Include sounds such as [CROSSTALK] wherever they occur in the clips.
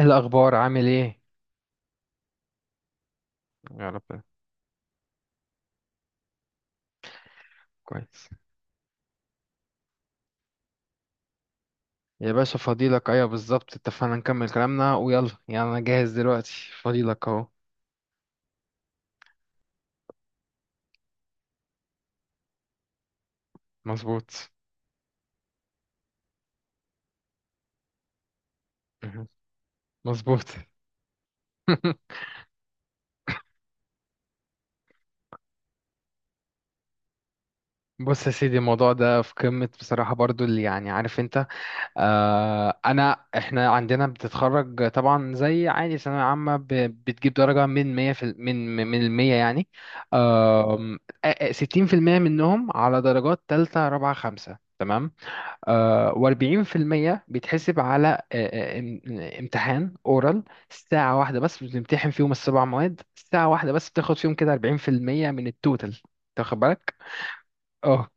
إيه الأخبار عامل إيه؟ يا رب. كويس. يا باشا فضيلك، أيوة بالظبط، اتفقنا نكمل كلامنا ويلا يعني، أنا جاهز دلوقتي. فضيلك أهو. مظبوط. مهم. مظبوط. [LAUGHS] بص يا سيدي، الموضوع ده في قمة بصراحة برضو، اللي يعني عارف انت. انا احنا عندنا بتتخرج طبعا زي عادي ثانوية عامة، بتجيب درجة من 100 في من المية يعني. آم، 60% منهم على درجات تالتة رابعة خمسة، و40% بيتحسب على امتحان اورال. ساعة واحدة بس بتمتحن فيهم السبع مواد، ساعة واحدة بس بتاخد فيهم كده 40% من التوتال. تاخد بالك؟ اه،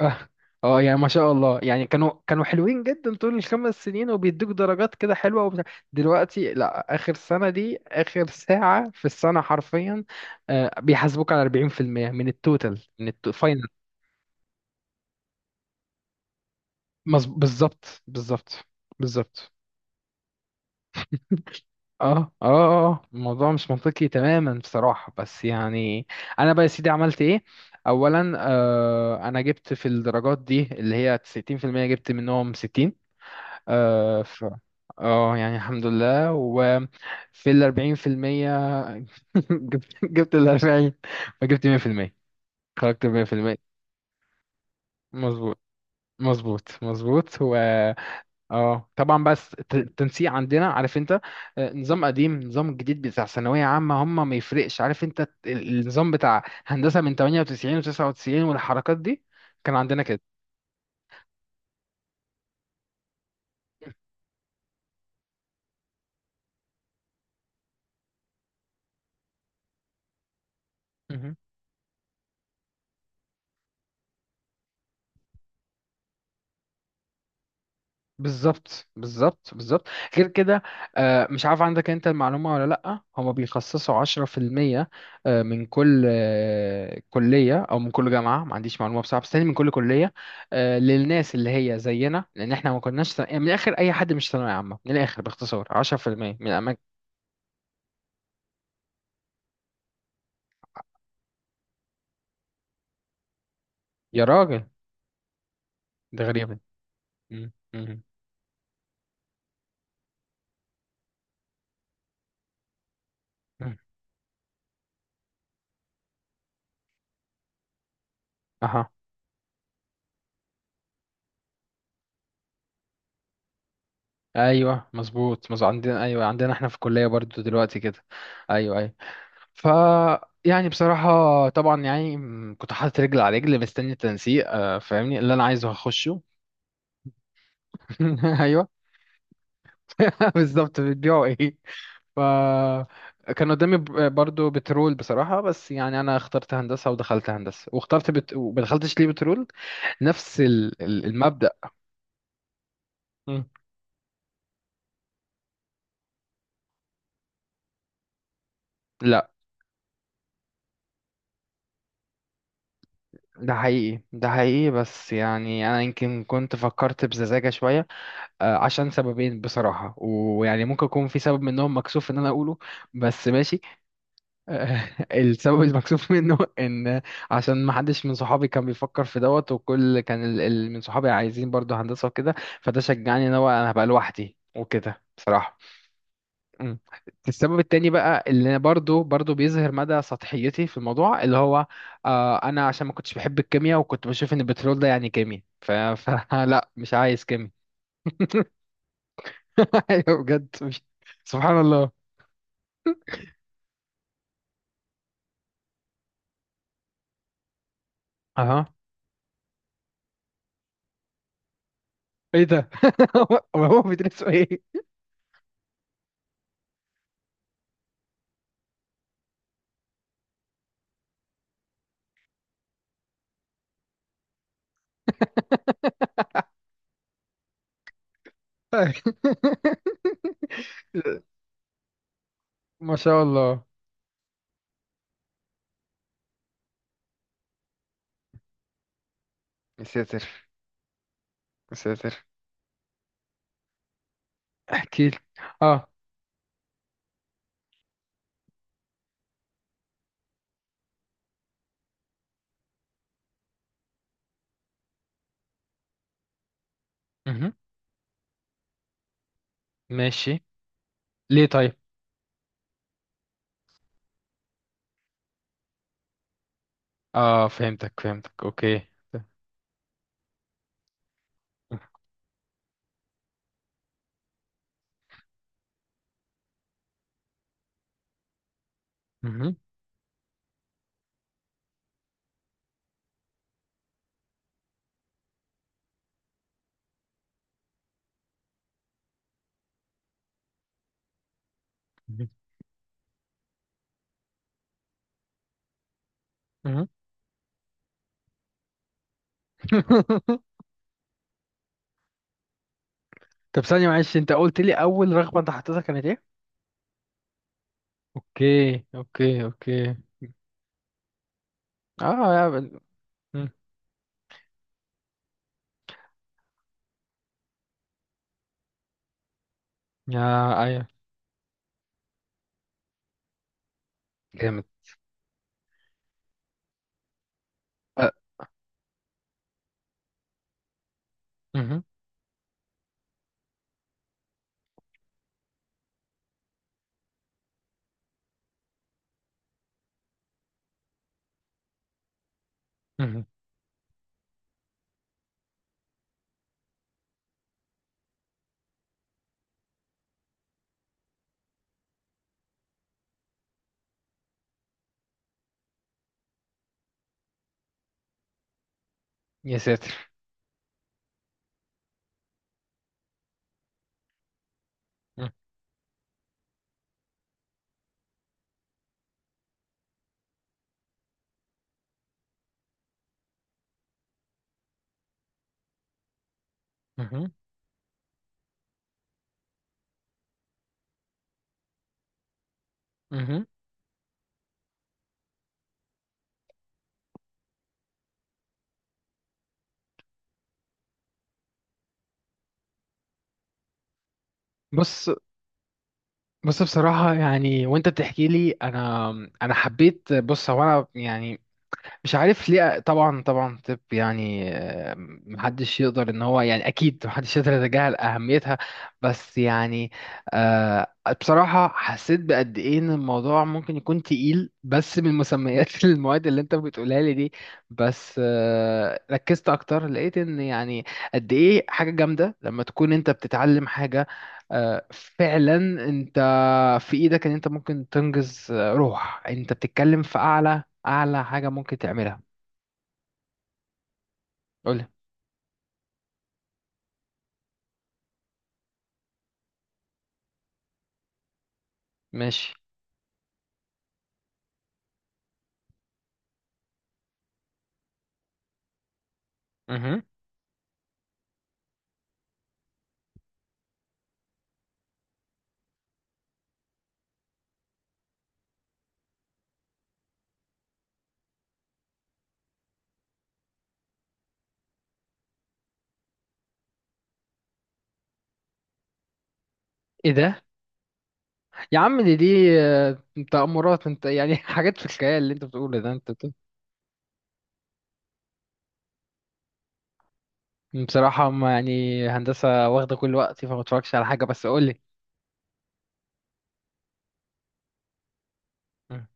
اه، اه. يعني ما شاء الله، يعني كانوا حلوين جدا طول الخمس سنين، وبيدوك درجات كده حلوة وبتاع. دلوقتي لا، آخر سنة دي آخر ساعة في السنة حرفيا. بيحاسبوك على 40% من التوتال من الفاينل. بالظبط، بالظبط، بالظبط. اه، اه، اه، آه. الموضوع مش منطقي تماما بصراحة، بس يعني انا بقى يا سيدي عملت ايه. اولا انا جبت في الدرجات دي اللي هي 90%، جبت منهم 60. آه ف اه يعني الحمد لله. وفي ال 40% [LAUGHS] جبت ال 40، فجبت 100%، خرجت 100%. مظبوط، مظبوط، مظبوط. اه طبعا، بس التنسيق عندنا عارف انت. نظام قديم نظام جديد بتاع ثانوية عامة، هم ما يفرقش. عارف انت، النظام بتاع هندسة من 98 و99 والحركات دي كان عندنا كده. بالظبط، بالظبط، بالظبط. غير كده، مش عارف عندك انت المعلومة ولا لأ، هما بيخصصوا 10% من كل كلية، أو من كل جامعة، ما عنديش معلومة بصراحة، بس تاني من كل كلية للناس اللي هي زينا، لأن احنا ما كناش يعني من الآخر، أي حد مش ثانوية عامة، من الآخر باختصار 10% من الأماكن. يا راجل، ده غريبة. مم، مم، مم. أها. أيوه مظبوط مظبوط، عندنا أيوه، عندنا احنا في الكلية برضو دلوقتي كده. أيوه، أيوه. ف يعني بصراحة طبعا، يعني كنت حاطط رجل على رجل مستني التنسيق، فاهمني اللي انا عايزه هخشه. [LAUGHS] ايوه. [LAUGHS] بالظبط، بتبيعوا ايه. ف كان قدامي برضو بترول بصراحة، بس يعني انا اخترت هندسة، ودخلت هندسة، واخترت وما دخلتش ليه بترول. نفس المبدأ. مم. لا، ده حقيقي، ده حقيقي، بس يعني انا يمكن كنت فكرت بسذاجة شوية. عشان سببين بصراحة، ويعني ممكن يكون في سبب منهم مكسوف ان انا اقوله، بس ماشي. [LAUGHS] السبب المكسوف منه، ان عشان ما حدش من صحابي كان بيفكر في دوت، وكل كان من صحابي عايزين برضو هندسة وكده. فده شجعني ان هو انا هبقى لوحدي وكده بصراحة. مم. السبب التاني بقى، اللي برضو بيظهر مدى سطحيتي في الموضوع، اللي هو انا عشان ما كنتش بحب الكيمياء، وكنت بشوف ان البترول ده يعني كيمياء، [LAUGHS] فلا مش عايز كيمياء. [LAUGHS] ايوه بجد سبحان الله. اها. ايه ده، [LAUGHS] هو بيدرسوا ايه. [LAUGHS] ما شاء الله. مساتر. مساتر. احكي لي. اه. مهم. ماشي. ليه طيب. اه فهمتك فهمتك، اوكي. مهم. مهم. مهم. [LAUGHS] طب ثانية معلش، انت قلت لي اول رغبة انت حطيتها كانت ايه؟ اوكي، اوكي، اوكي. اه يا بل... مم. يا. ايوه. جامد. أه. مهم. مهم. يا ساتر. مه- مه- مه. بص، بص، بصراحة يعني وانت بتحكي لي انا، انا حبيت. بص، هو انا يعني مش عارف ليه. طبعا طبعا، طب يعني محدش يقدر ان هو، يعني اكيد محدش يقدر يتجاهل اهميتها، بس يعني آه، بصراحة حسيت بقد ايه ان الموضوع ممكن يكون تقيل، بس من مسميات [LAUGHS] المواد اللي انت بتقولها لي دي. بس ركزت اكتر، لقيت ان يعني قد ايه حاجة جامدة لما تكون انت بتتعلم حاجة، فعلا. انت في ايدك ان انت ممكن تنجز، روح انت بتتكلم في اعلى اعلى حاجة ممكن تعملها. قولي. ماشي. مهم. ايه ده يا عم، دي آه، تأمرات انت يعني، [LAUGHS] حاجات في الخيال اللي انت بتقوله ده، انت بصراحة هم يعني، هندسة واخدة كل وقتي، فما اتفرجش على حاجة، بس قولي. مم.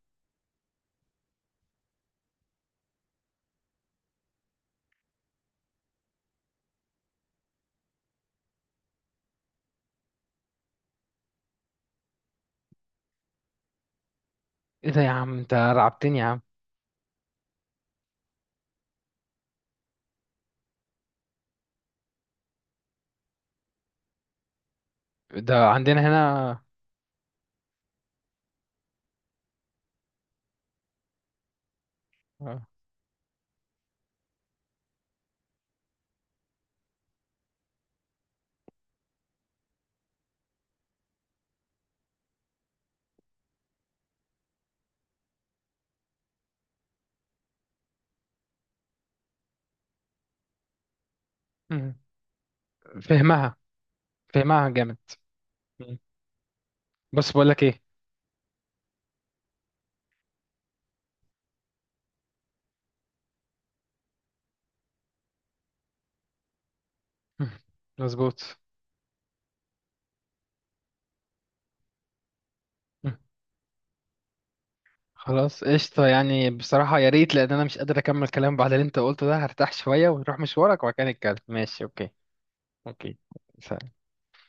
ايه ده يا عم، انت رعبتني يا عم. ده عندنا هنا. آه، مم. فهمها. فهمها جامد. مم. بس بقول لك ايه. مم. مظبوط. مم. خلاص قشطة، يعني بصراحة يا ريت، لأن أنا مش قادر أكمل كلام بعد اللي أنت قلته ده. هرتاح شوية ونروح مشوارك وبعد كده نتكلم. ماشي، أوكي. اوكي. سلام.